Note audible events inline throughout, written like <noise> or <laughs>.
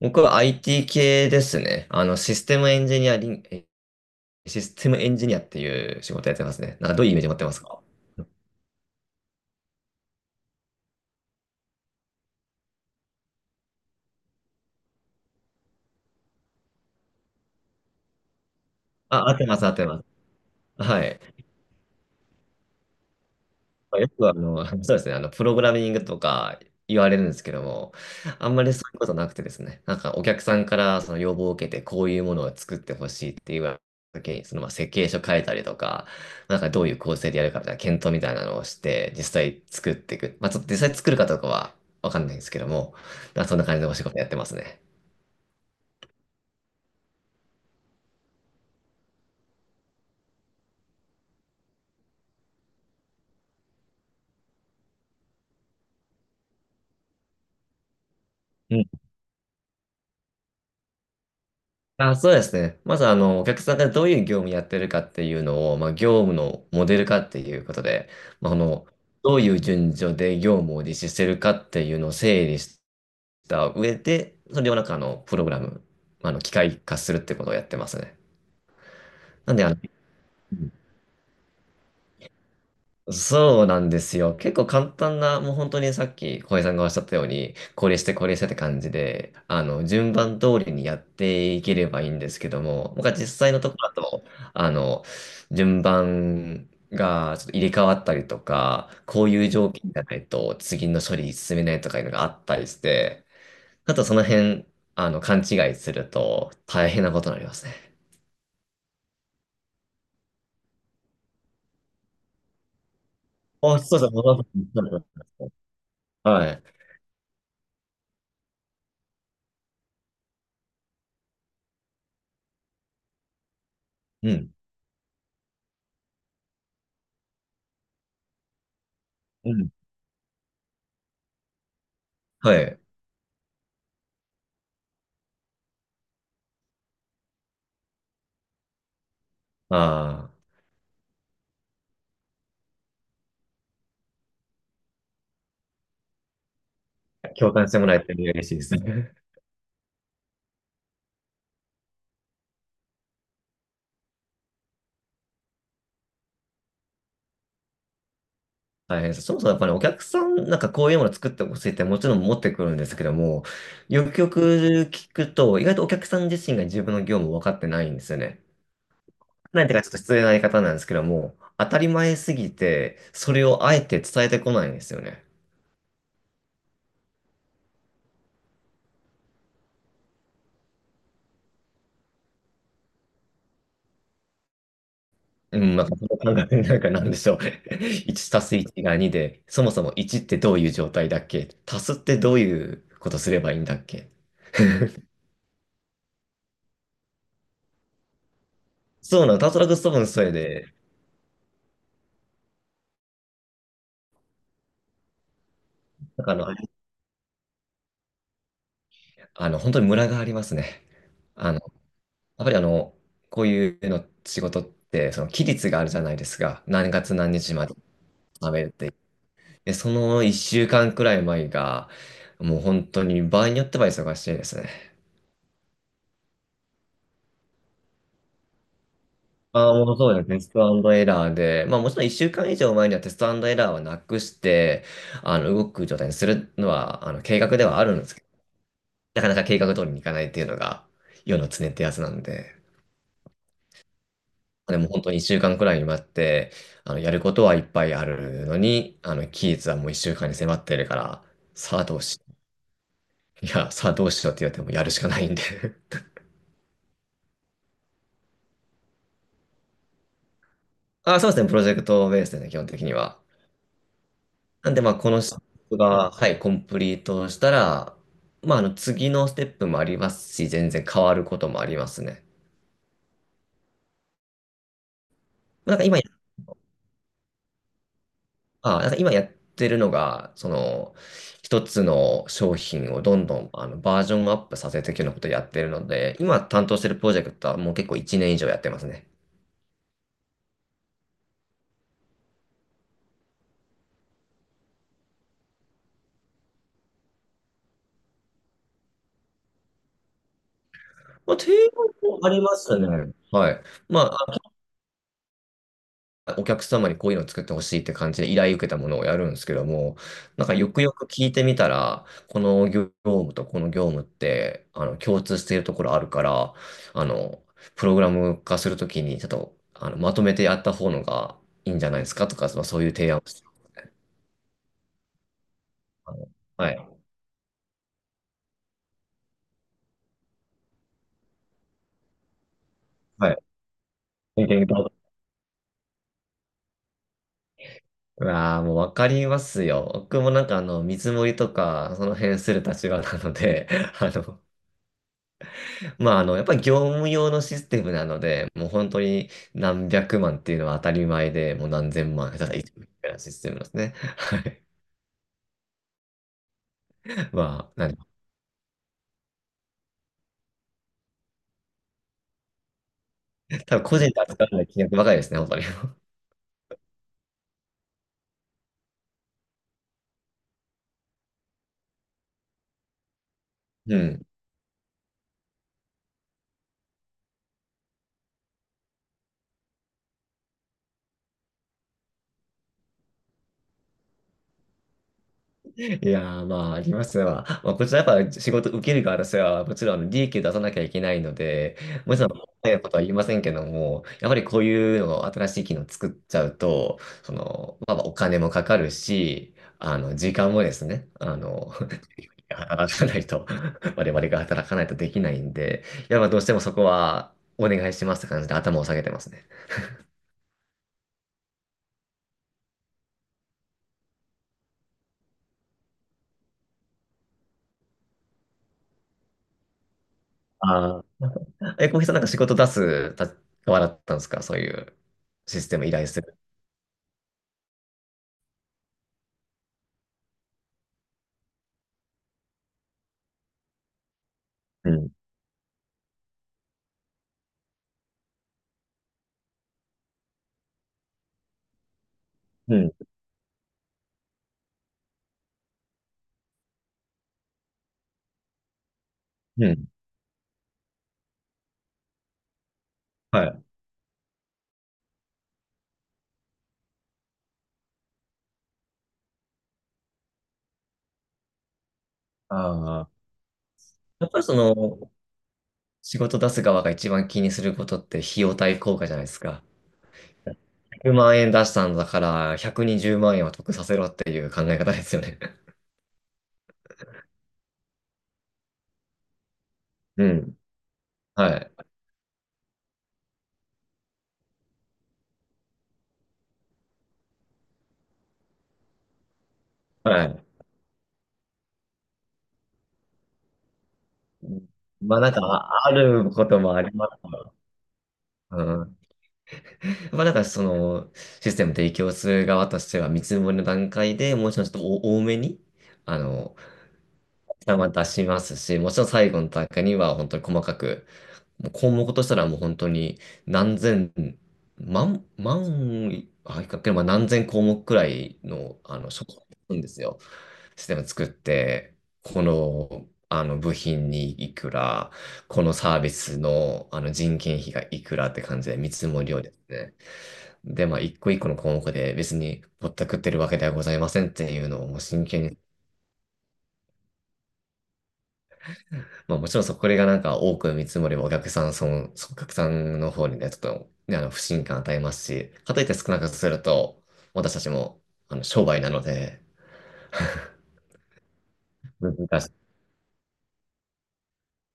僕は IT 系ですね。システムエンジニアっていう仕事やってますね。なんかどういうイメージ持ってますか？あ、合ってます、合ってます。はい。まあよく<laughs> そうですね、プログラミングとか言われるんですけども、あんまりそういうことなくてですね、なんかお客さんからその要望を受けて、こういうものを作ってほしいって言われた時に、そのまあ設計書書いたりとか、なんかどういう構成でやるかみたいな検討みたいなのをして、実際作っていく。まあちょっと実際作るかどうかはわかんないんですけども、まあそんな感じでお仕事やってますね。うん、あ、そうですね。まず、お客さんがどういう業務やってるかっていうのを、まあ、業務のモデル化っていうことで、まあ、あの、どういう順序で業務を実施してるかっていうのを整理した上で、それをなんか、プログラム、まあの、機械化するってことをやってますね。なんで、あの、そうなんですよ。結構簡単な、もう本当にさっき小林さんがおっしゃったように、これしてこれしてって感じで、順番通りにやっていければいいんですけども、僕は実際のところだと、あの、順番がちょっと入れ替わったりとか、こういう条件じゃないと次の処理進めないとかいうのがあったりして、あとその辺、勘違いすると大変なことになりますね。あ、そうですう、そう、そう、はい。うん。うん。はい。ああ。共感してもらえて嬉しいですね。<laughs> 大変です。そもそもやっぱりお客さん、なんかこういうものを作ってほしいってもちろん持ってくるんですけども、よくよく聞くと、意外とお客さん自身が自分の業務を分かってないんですよね。なんていうかちょっと失礼な言い方なんですけども、当たり前すぎて、それをあえて伝えてこないんですよね。うん、なんかその感覚になんかなんでしょう。<laughs> 1たす1が2で、そもそも1ってどういう状態だっけ、足すってどういうことすればいいんだっけ。そうなの、たすらく多分それで、なんかあの、本当にムラがありますね。あの、やっぱりあの、こういうの仕事って、その期日があるじゃないですか。何月何日まで食べるって。で、その1週間くらい前が、もう本当に場合によっては忙しいですね。ああ、もうそうですね。テストエラーで、まあもちろん1週間以上前にはテストエラーはなくして、動く状態にするのは、計画ではあるんですけど、なかなか計画通りにいかないっていうのが、世の常ってやつなんで。でも本当に1週間くらいに待って、やることはいっぱいあるのに、期日はもう1週間に迫ってるから、さあどうし、いや、さあどうしようって言われてもやるしかないんで。 <laughs> あ、そうですね、プロジェクトベースでね、基本的には。なんで、まあ、このステップが、はい、コンプリートしたら、次のステップもありますし、全然変わることもありますね。なんか今あ、なんか今やってるのが、その、一つの商品をどんどんあのバージョンアップさせていくようなことをやってるので、今担当してるプロジェクトはもう結構1年以上やってますね。まあ、定額もありますね。はい。まお客様にこういうのを作ってほしいって感じで依頼受けたものをやるんですけども、なんかよくよく聞いてみたら、この業務とこの業務って、共通しているところあるから、あの、プログラム化するときに、ちょっと、まとめてやった方のがいいんじゃないですかとか、まあ、そういう提案をしたの。はい。はい。ご意見どうぞ。うわあ、もうわかりますよ。僕もなんかあの、見積もりとか、その辺する立場なので、<laughs> あの、やっぱり業務用のシステムなので、もう本当に何百万っていうのは当たり前で、もう何千万、ただ一部みたいなシステムなんですね。はい。まあ、なん多分個人で扱わない金額ばかりですね、本当に。<laughs> うん。いやー、まあ、ありますわ。まあ、こちらやっぱ仕事受ける側としては、もちろんあの利益を出さなきゃいけないので、もちろん、早いことは言いませんけども、やっぱりこういうのを新しい機能作っちゃうと、その、まあ、お金もかかるし、時間もですね、<laughs> 働かないと、<laughs> 我々が働かないとできないんで、やっぱどうしてもそこはお願いしますって感じで頭を下げてますね。ああ。え、小平さんなんか仕事出すた側だったんですか、そういうシステム依頼する。うん。うんうん。はい。ああ。やっぱりその、仕事出す側が一番気にすることって費用対効果じゃないですか。100万円出したんだから、120万円は得させろっていう考え方ですよね。<laughs> うん。はい。はい。まあなんか、ああることもあります。うん。まあなんかその、システム提供する側としては、見積もりの段階でもちろんちょっとお多めに、あの、ま出しますし、もちろん最後の段階には本当に細かく、もう項目としたらもう本当に何千、万、万、あ、いかけ、まあ、何千項目くらいの、あの、ショんですよ。システム作って、この、あの部品にいくら、このサービスの、あの人件費がいくらって感じで見積もりをですね。で、まあ、一個一個の項目で別にぼったくってるわけではございませんっていうのをもう真剣に。まあもちろんそこがなんか多く見積もりばお客さん、お客さんの方にね、ちょっと、ね、不信感与えますし、かといって少なくすると、私たちも、商売なので、難しい。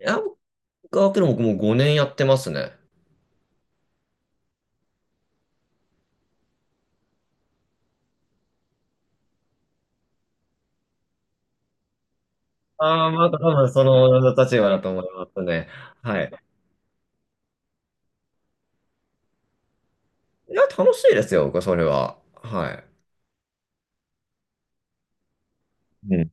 いや、僕はもう5年やってますね。ああ、まあ多分その立場だと思いますね。はい。いや、楽しいですよ、僕はそれは。はい。うん、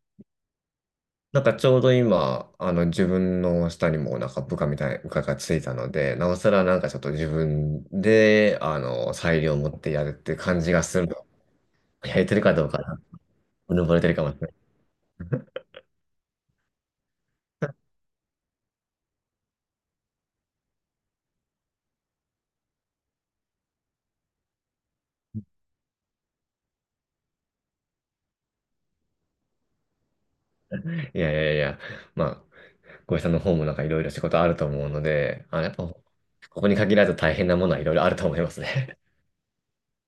なんかちょうど今、あの自分の下にもなんか部下がついたので、なおさらなんかちょっと自分で、裁量を持ってやるって感じがするの。<laughs> やれてるかどうかな、うぬぼれてるかもしれない。<laughs> いやいやいや、まあ、ごさんの方もなんかいろいろ仕事あると思うので、やっぱ、ここに限らず大変なものはいろいろあると思いますね。